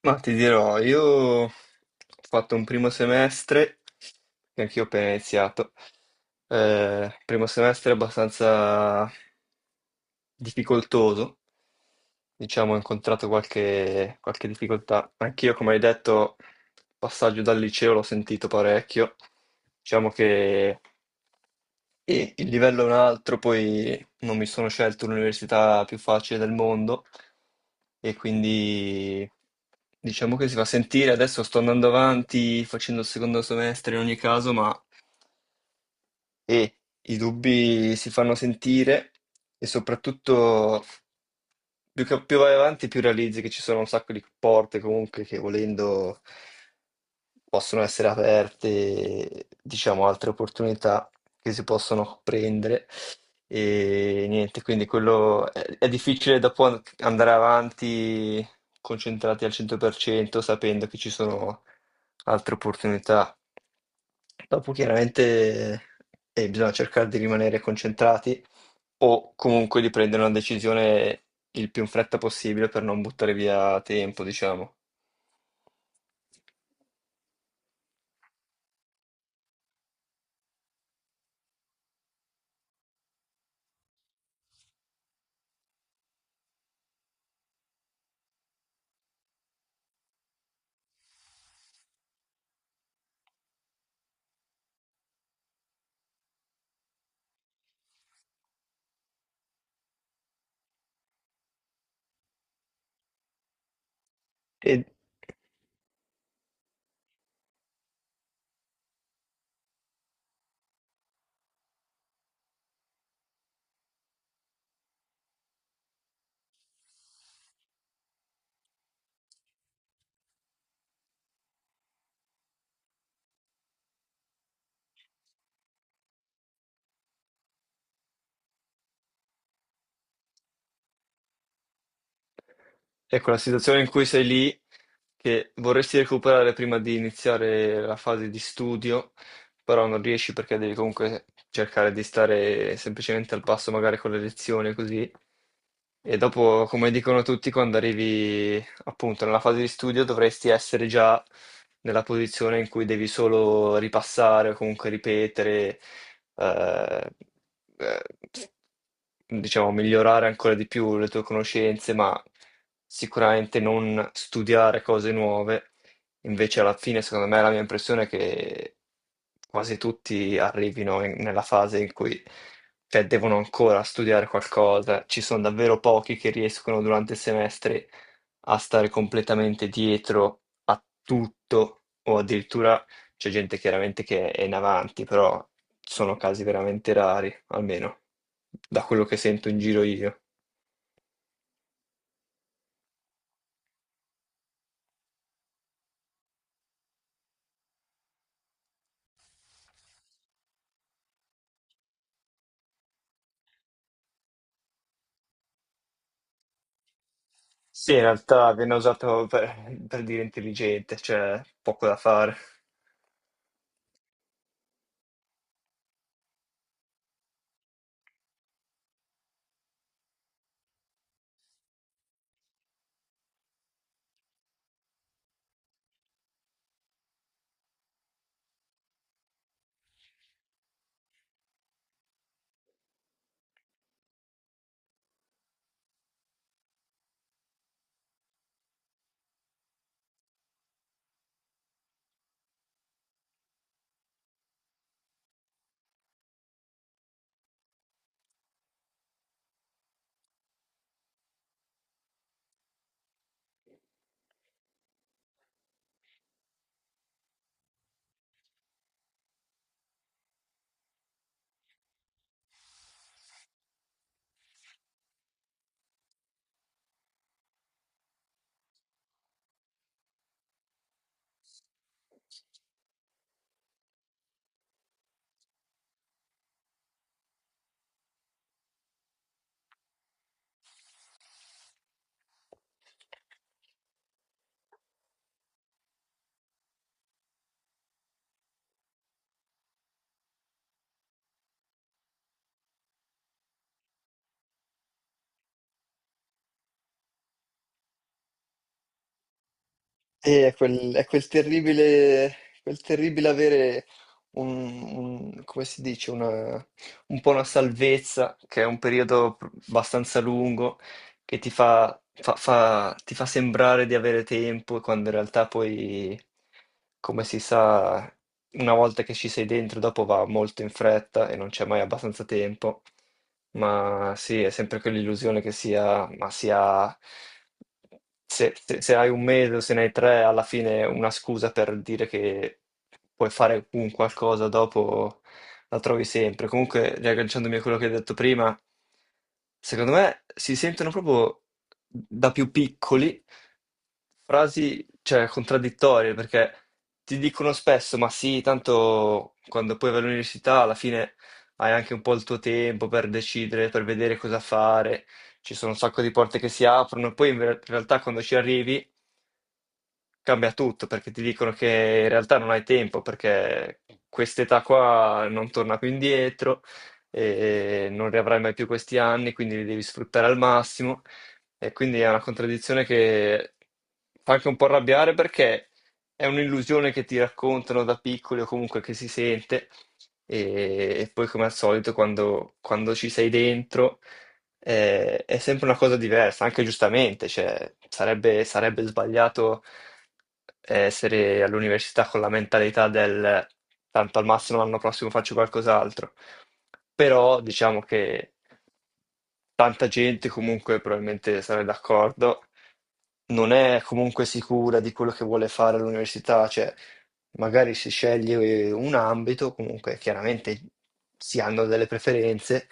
Ma ti dirò, io ho fatto un primo semestre, che anch'io ho appena iniziato, primo semestre abbastanza difficoltoso, diciamo, ho incontrato qualche difficoltà. Anch'io, come hai detto, il passaggio dal liceo l'ho sentito parecchio, diciamo che il livello è un altro, poi non mi sono scelto l'università più facile del mondo e quindi diciamo che si fa sentire. Adesso sto andando avanti facendo il secondo semestre in ogni caso, ma e i dubbi si fanno sentire e soprattutto più vai avanti più realizzi che ci sono un sacco di porte comunque che volendo possono essere aperte, diciamo, altre opportunità che si possono prendere e niente, quindi è difficile dopo andare avanti concentrati al 100% sapendo che ci sono altre opportunità. Dopo chiaramente bisogna cercare di rimanere concentrati o comunque di prendere una decisione il più in fretta possibile per non buttare via tempo, diciamo. E ecco la situazione in cui sei lì, che vorresti recuperare prima di iniziare la fase di studio, però non riesci perché devi comunque cercare di stare semplicemente al passo magari con le lezioni così. E dopo, come dicono tutti, quando arrivi appunto nella fase di studio dovresti essere già nella posizione in cui devi solo ripassare o comunque ripetere, eh, eh, diciamo, migliorare ancora di più le tue conoscenze, ma sicuramente non studiare cose nuove. Invece alla fine, secondo me, la mia impressione è che quasi tutti arrivino nella fase in cui cioè, devono ancora studiare qualcosa. Ci sono davvero pochi che riescono durante il semestre a stare completamente dietro a tutto, o addirittura c'è gente chiaramente che è in avanti, però sono casi veramente rari, almeno da quello che sento in giro io. Sì, in realtà viene per dire intelligente, cioè poco da fare. E è quel terribile avere un, come si dice, un po' una salvezza, che è un periodo abbastanza lungo, che ti fa sembrare di avere tempo, quando in realtà poi, come si sa, una volta che ci sei dentro, dopo va molto in fretta e non c'è mai abbastanza tempo. Ma sì, è sempre quell'illusione che sia, ma sia, se, se- se hai un mese o se ne hai tre, alla fine è una scusa per dire che puoi fare un qualcosa dopo la trovi sempre. Comunque, riagganciandomi a quello che hai detto prima, secondo me si sentono proprio da più piccoli frasi, cioè, contraddittorie, perché ti dicono spesso, ma sì, tanto quando poi vai all'università alla fine hai anche un po' il tuo tempo per decidere, per vedere cosa fare, ci sono un sacco di porte che si aprono, e poi in realtà quando ci arrivi cambia tutto perché ti dicono che in realtà non hai tempo perché quest'età qua non torna più indietro e non riavrai mai più questi anni, quindi li devi sfruttare al massimo. E quindi è una contraddizione che fa anche un po' arrabbiare perché è un'illusione che ti raccontano da piccoli o comunque che si sente e poi come al solito quando ci sei dentro è sempre una cosa diversa, anche giustamente, cioè, sarebbe sbagliato essere all'università con la mentalità del tanto al massimo l'anno prossimo faccio qualcos'altro, però diciamo che tanta gente comunque probabilmente sarà d'accordo, non è comunque sicura di quello che vuole fare all'università, cioè magari si sceglie un ambito, comunque chiaramente si hanno delle preferenze,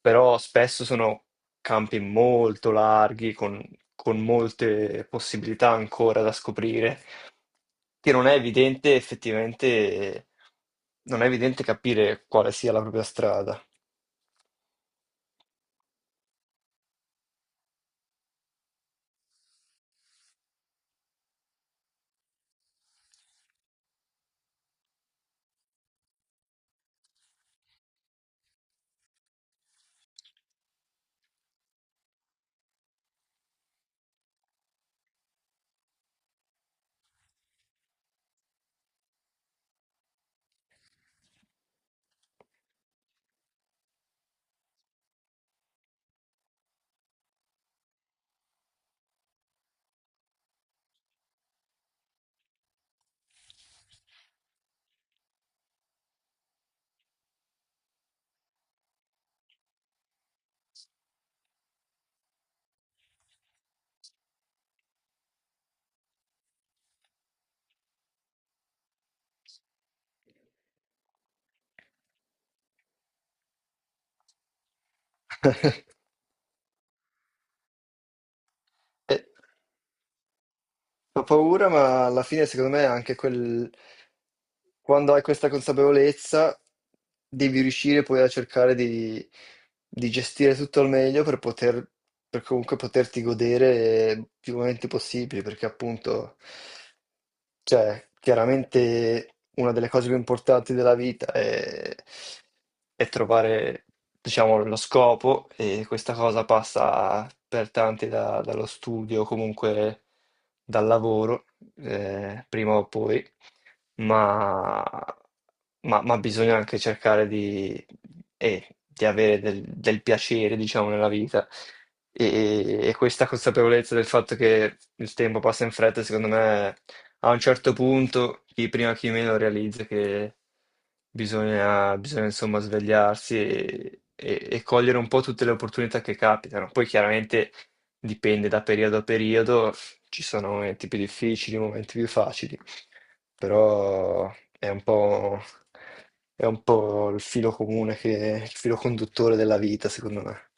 però spesso sono campi molto larghi, con molte possibilità ancora da scoprire, che non è evidente effettivamente, non è evidente capire quale sia la propria strada. Eh, Fa paura, ma alla fine secondo me anche quel, quando hai questa consapevolezza devi riuscire poi a cercare di gestire tutto al meglio per poter, per comunque poterti godere più momenti possibili, perché appunto cioè, chiaramente una delle cose più importanti della vita è trovare, diciamo, lo scopo e questa cosa passa per tanti dallo studio, comunque dal lavoro, prima o poi, ma, ma bisogna anche cercare di avere del, del piacere, diciamo, nella vita. E questa consapevolezza del fatto che il tempo passa in fretta, secondo me a un certo punto, chi prima chi meno realizza che bisogna, bisogna insomma svegliarsi e, e cogliere un po' tutte le opportunità che capitano. Poi chiaramente dipende da periodo a periodo, ci sono momenti più difficili, momenti più facili, però è un po', è un po' il filo comune che, il filo conduttore della vita, secondo me.